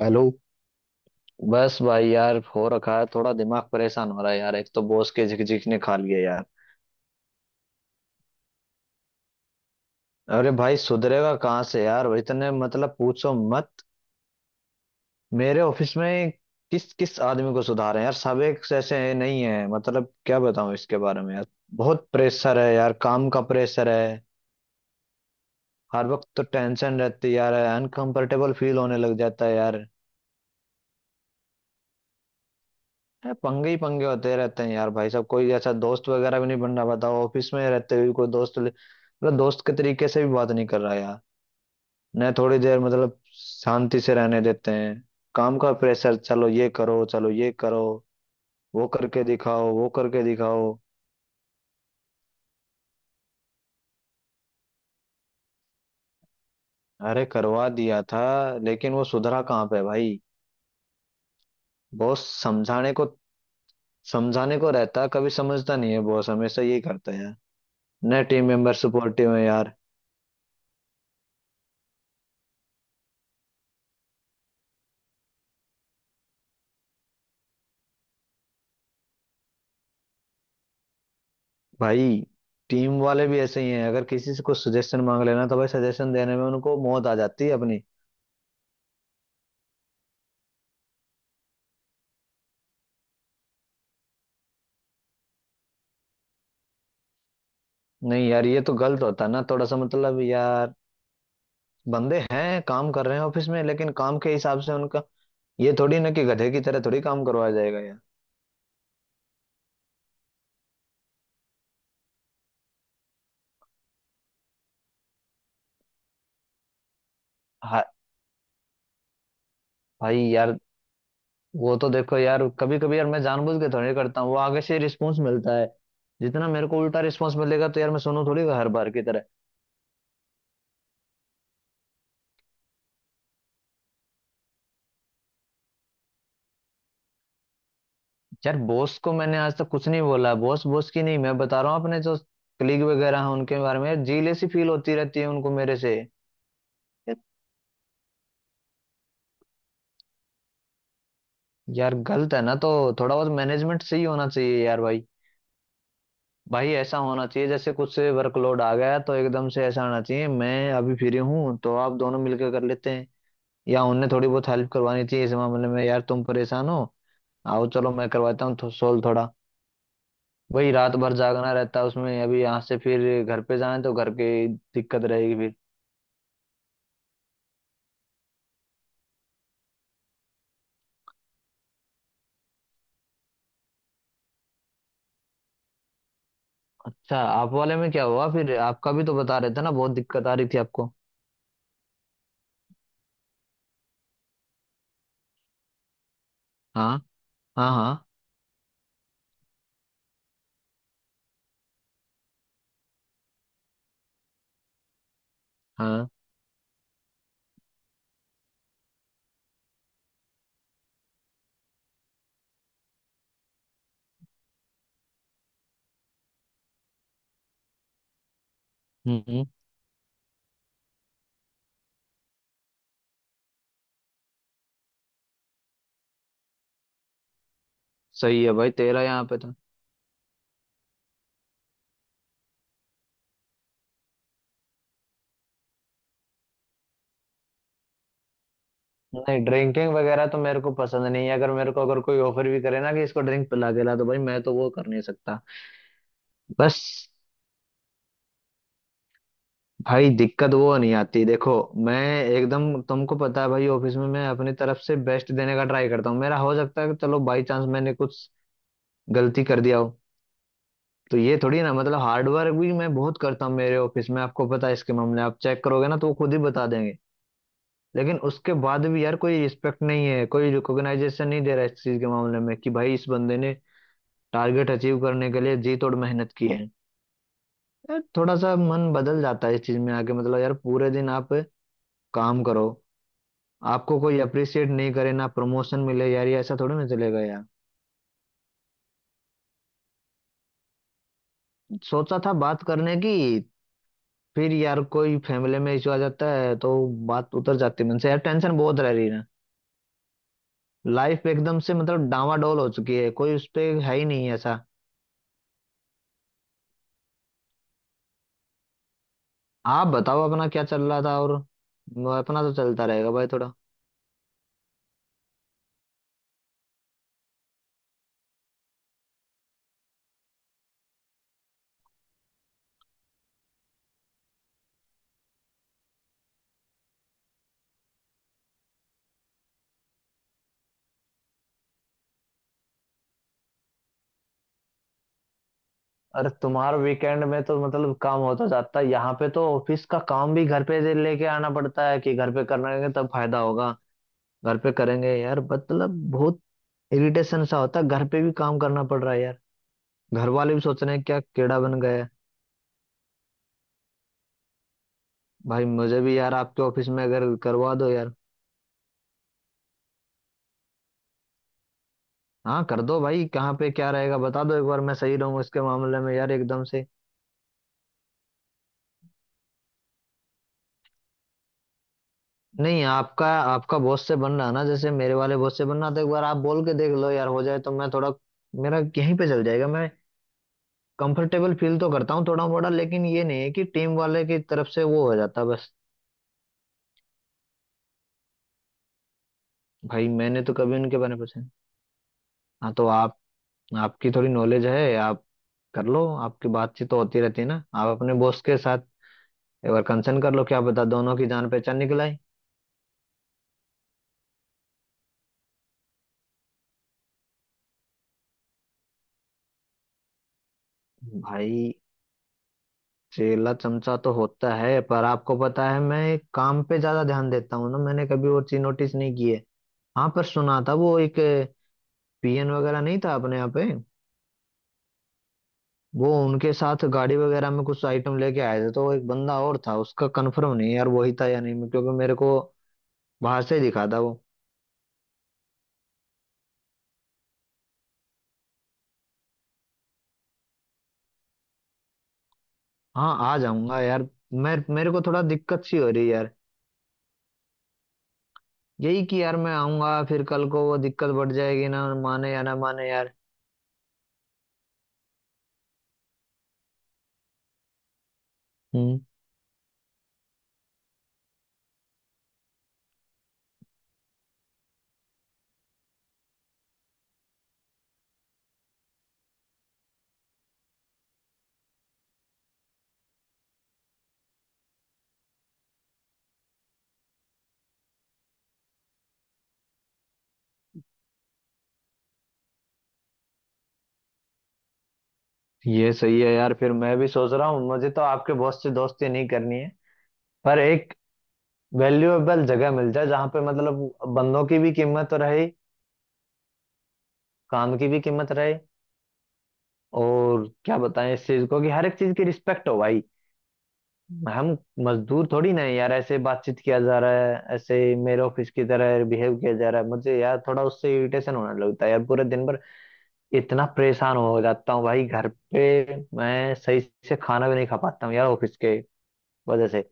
Hello. बस भाई यार हो रखा है, थोड़ा दिमाग परेशान हो रहा है यार। एक तो बॉस के झिकझिक ने खा लिया यार। अरे भाई सुधरेगा कहाँ से यार, वो इतने मतलब पूछो मत। मेरे ऑफिस में किस किस आदमी को सुधार है यार, सब एक जैसे नहीं है, मतलब क्या बताऊं इसके बारे में यार। बहुत प्रेशर है यार, काम का प्रेशर है। हर वक्त तो टेंशन रहती है यार, अनकंफर्टेबल फील होने लग जाता है यार। है पंगे ही पंगे होते रहते हैं यार। भाई साहब कोई ऐसा दोस्त वगैरह भी नहीं बन रहा, बताओ ऑफिस में रहते हुए कोई दोस्त ले- मतलब दोस्त के तरीके से भी बात नहीं कर रहा यार। न थोड़ी देर मतलब शांति से रहने देते हैं। काम का प्रेशर, चलो ये करो, चलो ये करो, वो करके दिखाओ, वो करके दिखाओ। अरे करवा दिया था लेकिन वो सुधरा कहाँ पे भाई। बॉस समझाने को, समझाने को रहता, कभी समझता नहीं है। बॉस हमेशा यही करता है यार। न टीम मेंबर सपोर्टिव है यार। भाई टीम वाले भी ऐसे ही हैं, अगर किसी से कुछ सजेशन मांग लेना तो भाई सजेशन देने में उनको मौत आ जाती है अपनी। नहीं यार ये तो गलत होता है ना थोड़ा सा, मतलब यार बंदे हैं, काम कर रहे हैं ऑफिस में, लेकिन काम के हिसाब से उनका ये थोड़ी ना कि गधे की तरह थोड़ी काम करवाया जाएगा यार। हा- भाई यार, वो तो देखो यार, कभी कभी यार मैं जानबूझ के थोड़ी करता हूँ, वो आगे से रिस्पॉन्स मिलता है। जितना मेरे को उल्टा रिस्पॉन्स मिलेगा तो यार मैं सुनू थोड़ी हर बार की तरह। यार बॉस को मैंने आज तक कुछ नहीं बोला, बॉस बॉस की नहीं, मैं बता रहा हूँ अपने जो कलीग वगैरह हैं उनके बारे में यार, जीलेसी फील होती रहती है उनको मेरे से। यार, यार गलत है ना तो, थोड़ा बहुत मैनेजमेंट सही होना चाहिए यार भाई। भाई ऐसा होना चाहिए, जैसे कुछ से वर्कलोड आ गया तो एकदम से ऐसा होना चाहिए मैं अभी फ्री हूँ तो आप दोनों मिलकर कर लेते हैं, या उन्हें थोड़ी बहुत हेल्प करवानी चाहिए इस मामले में यार, तुम परेशान हो आओ चलो मैं करवाता हूँ सोल्व थोड़ा। वही रात भर जागना रहता है उसमें, अभी यहाँ से फिर घर पे जाए तो घर की दिक्कत रहेगी फिर। अच्छा आप वाले में क्या हुआ फिर, आपका भी तो बता रहे थे ना, बहुत दिक्कत आ रही थी आपको। हाँ। हाँ। हाँ। हम्म हम्म, सही है भाई तेरा यहाँ पे तो। नहीं ड्रिंकिंग वगैरह तो मेरे को पसंद नहीं है, अगर मेरे को अगर कोई ऑफर भी करे ना कि इसको ड्रिंक पिला के ला तो भाई मैं तो वो कर नहीं सकता। बस भाई दिक्कत वो नहीं आती देखो, मैं एकदम तुमको पता है भाई, ऑफिस में मैं अपनी तरफ से बेस्ट देने का ट्राई करता हूँ, मेरा हो सकता है कि चलो बाई चांस मैंने कुछ गलती कर दिया हो, तो ये थोड़ी ना, मतलब हार्ड वर्क भी मैं बहुत करता हूँ मेरे ऑफिस में, आपको पता है इसके मामले आप चेक करोगे ना तो वो खुद ही बता देंगे। लेकिन उसके बाद भी यार कोई रिस्पेक्ट नहीं है, कोई रिकॉग्नाइजेशन नहीं दे रहा है इस चीज के मामले में, कि भाई इस बंदे ने टारगेट अचीव करने के लिए जी तोड़ मेहनत की है। यार थोड़ा सा मन बदल जाता है इस चीज में आके, मतलब यार पूरे दिन आप काम करो, आपको कोई अप्रिशिएट नहीं करे, ना प्रमोशन मिले, यार ये ऐसा थोड़ी ना चलेगा यार। सोचा था बात करने की, फिर यार कोई फैमिली में इशू आ जाता है तो बात उतर जाती है मन से यार, टेंशन बहुत रह रही है। लाइफ एकदम से मतलब डामाडोल हो चुकी है, कोई उस पे है ही नहीं ऐसा। आप बताओ अपना क्या चल रहा था और। अपना तो चलता रहेगा भाई थोड़ा। अरे तुम्हारा वीकेंड में तो मतलब काम होता जाता है, यहाँ पे तो ऑफिस का काम भी घर पे लेके आना पड़ता है कि घर पे करेंगे तब फायदा होगा। घर पे करेंगे यार, मतलब बहुत इरिटेशन सा होता है, घर पे भी काम करना पड़ रहा है यार, घर वाले भी सोच रहे हैं क्या कीड़ा बन। भाई मुझे भी यार आपके ऑफिस में अगर करवा दो यार। हाँ कर दो भाई, कहाँ पे क्या रहेगा बता दो एक बार, मैं सही रहूँ इसके मामले में यार एकदम से। नहीं आपका, आपका बॉस से बन रहा है ना, जैसे मेरे वाले बॉस से बन रहा था, एक बार आप बोल के देख लो यार, हो जाए तो मैं थोड़ा, मेरा यहीं पे चल जाएगा। मैं कंफर्टेबल फील तो करता हूँ थोड़ा मोड़ा, लेकिन ये नहीं है कि टीम वाले की तरफ से वो हो जाता बस। भाई मैंने तो कभी उनके बारे में पूछा नहीं। हाँ तो आप, आपकी थोड़ी नॉलेज है आप कर लो, आपकी बातचीत तो होती रहती है ना आप अपने बॉस के साथ, एक बार कंसर्न कर लो, क्या पता दोनों की जान पहचान निकल आई। भाई चेला चमचा तो होता है, पर आपको पता है मैं काम पे ज्यादा ध्यान देता हूँ ना, मैंने कभी और चीज नोटिस नहीं की है। हाँ पर सुना था वो एक पीएन वगैरह नहीं था अपने यहाँ पे, वो उनके साथ गाड़ी वगैरह में कुछ आइटम लेके आए थे, तो वो एक बंदा और था, उसका कंफर्म नहीं है यार वही था या नहीं, क्योंकि मेरे को बाहर से ही दिखा था वो। हाँ आ जाऊंगा यार, मैं मेरे को थोड़ा दिक्कत सी हो रही है यार। यही कि यार मैं आऊंगा फिर कल को वो दिक्कत बढ़ जाएगी ना, माने या ना माने यार। हम्म। ये सही है यार, फिर मैं भी सोच रहा हूँ मुझे तो आपके बॉस से दोस्ती नहीं करनी है, पर एक वैल्यूएबल जगह मिल जाए जहाँ पे मतलब बंदों की भी कीमत रहे। काम की भी कीमत रहे, और क्या बताएं इस चीज को, कि हर एक चीज की रिस्पेक्ट हो भाई। हम मजदूर थोड़ी ना है यार, ऐसे बातचीत किया जा रहा है, ऐसे मेरे ऑफिस की तरह बिहेव किया जा रहा है मुझे यार, थोड़ा उससे इरिटेशन होने लगता है यार पूरे दिन भर, इतना परेशान हो जाता हूँ भाई, घर पे मैं सही से खाना भी नहीं खा पाता हूँ यार ऑफिस के वजह से।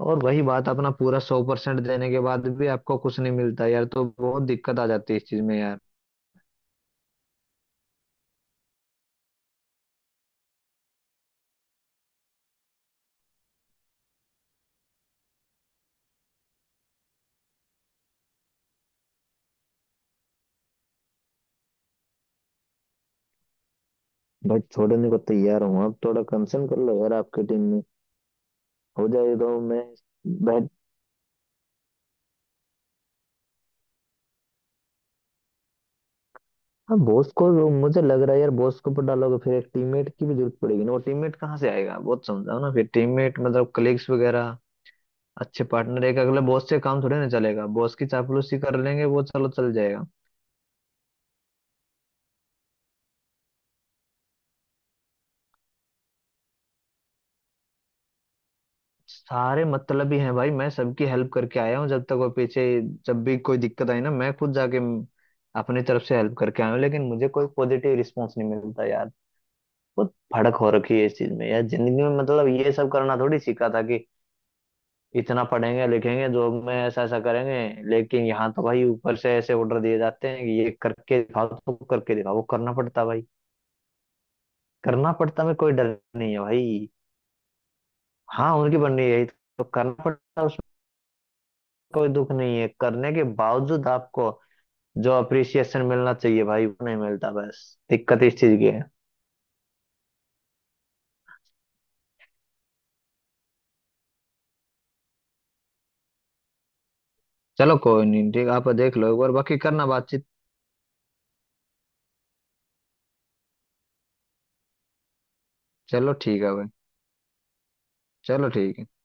और वही बात, अपना पूरा 100% देने के बाद भी आपको कुछ नहीं मिलता यार, तो बहुत दिक्कत आ जाती है इस चीज में यार। बट छोड़ने को तैयार हूँ, आप थोड़ा कंसर्न कर लो यार आपकी टीम में, हो जाए तो मैं बैठ। हाँ बॉस को, मुझे लग रहा है यार बॉस के ऊपर डालोगे फिर एक टीममेट की भी जरूरत पड़ेगी ना, वो टीममेट कहाँ से आएगा, बहुत समझाओ ना फिर, टीममेट मतलब कलीग्स वगैरह अच्छे पार्टनर, एक अगले बॉस से काम थोड़े ना चलेगा, बॉस की चापलूसी कर लेंगे वो चलो चल जाएगा। सारे मतलब ही हैं भाई, मैं सबकी हेल्प करके आया हूँ, जब तक वो पीछे, जब भी कोई दिक्कत आई ना मैं खुद जाके अपनी तरफ से हेल्प करके आया हूँ, लेकिन मुझे कोई पॉजिटिव रिस्पॉन्स नहीं मिलता यार। बहुत भड़क हो रखी है इस चीज में यार, जिंदगी में मतलब ये सब करना थोड़ी सीखा था कि इतना पढ़ेंगे लिखेंगे जॉब में ऐसा ऐसा करेंगे, लेकिन यहाँ तो भाई ऊपर से ऐसे ऑर्डर दिए जाते हैं कि ये करके दिखाओ तो करके दिखाओ, वो करना पड़ता भाई। करना पड़ता में कोई डर नहीं है भाई। हाँ उनकी बन रही है यही, तो करना पड़ता, कोई दुख नहीं है। करने के बावजूद आपको जो अप्रिसिएशन मिलना चाहिए भाई वो नहीं मिलता, बस दिक्कत इस चीज की है। चलो कोई नहीं, ठीक आप देख लो एक बार, बाकी करना बातचीत। चलो ठीक है भाई। चलो ठीक है।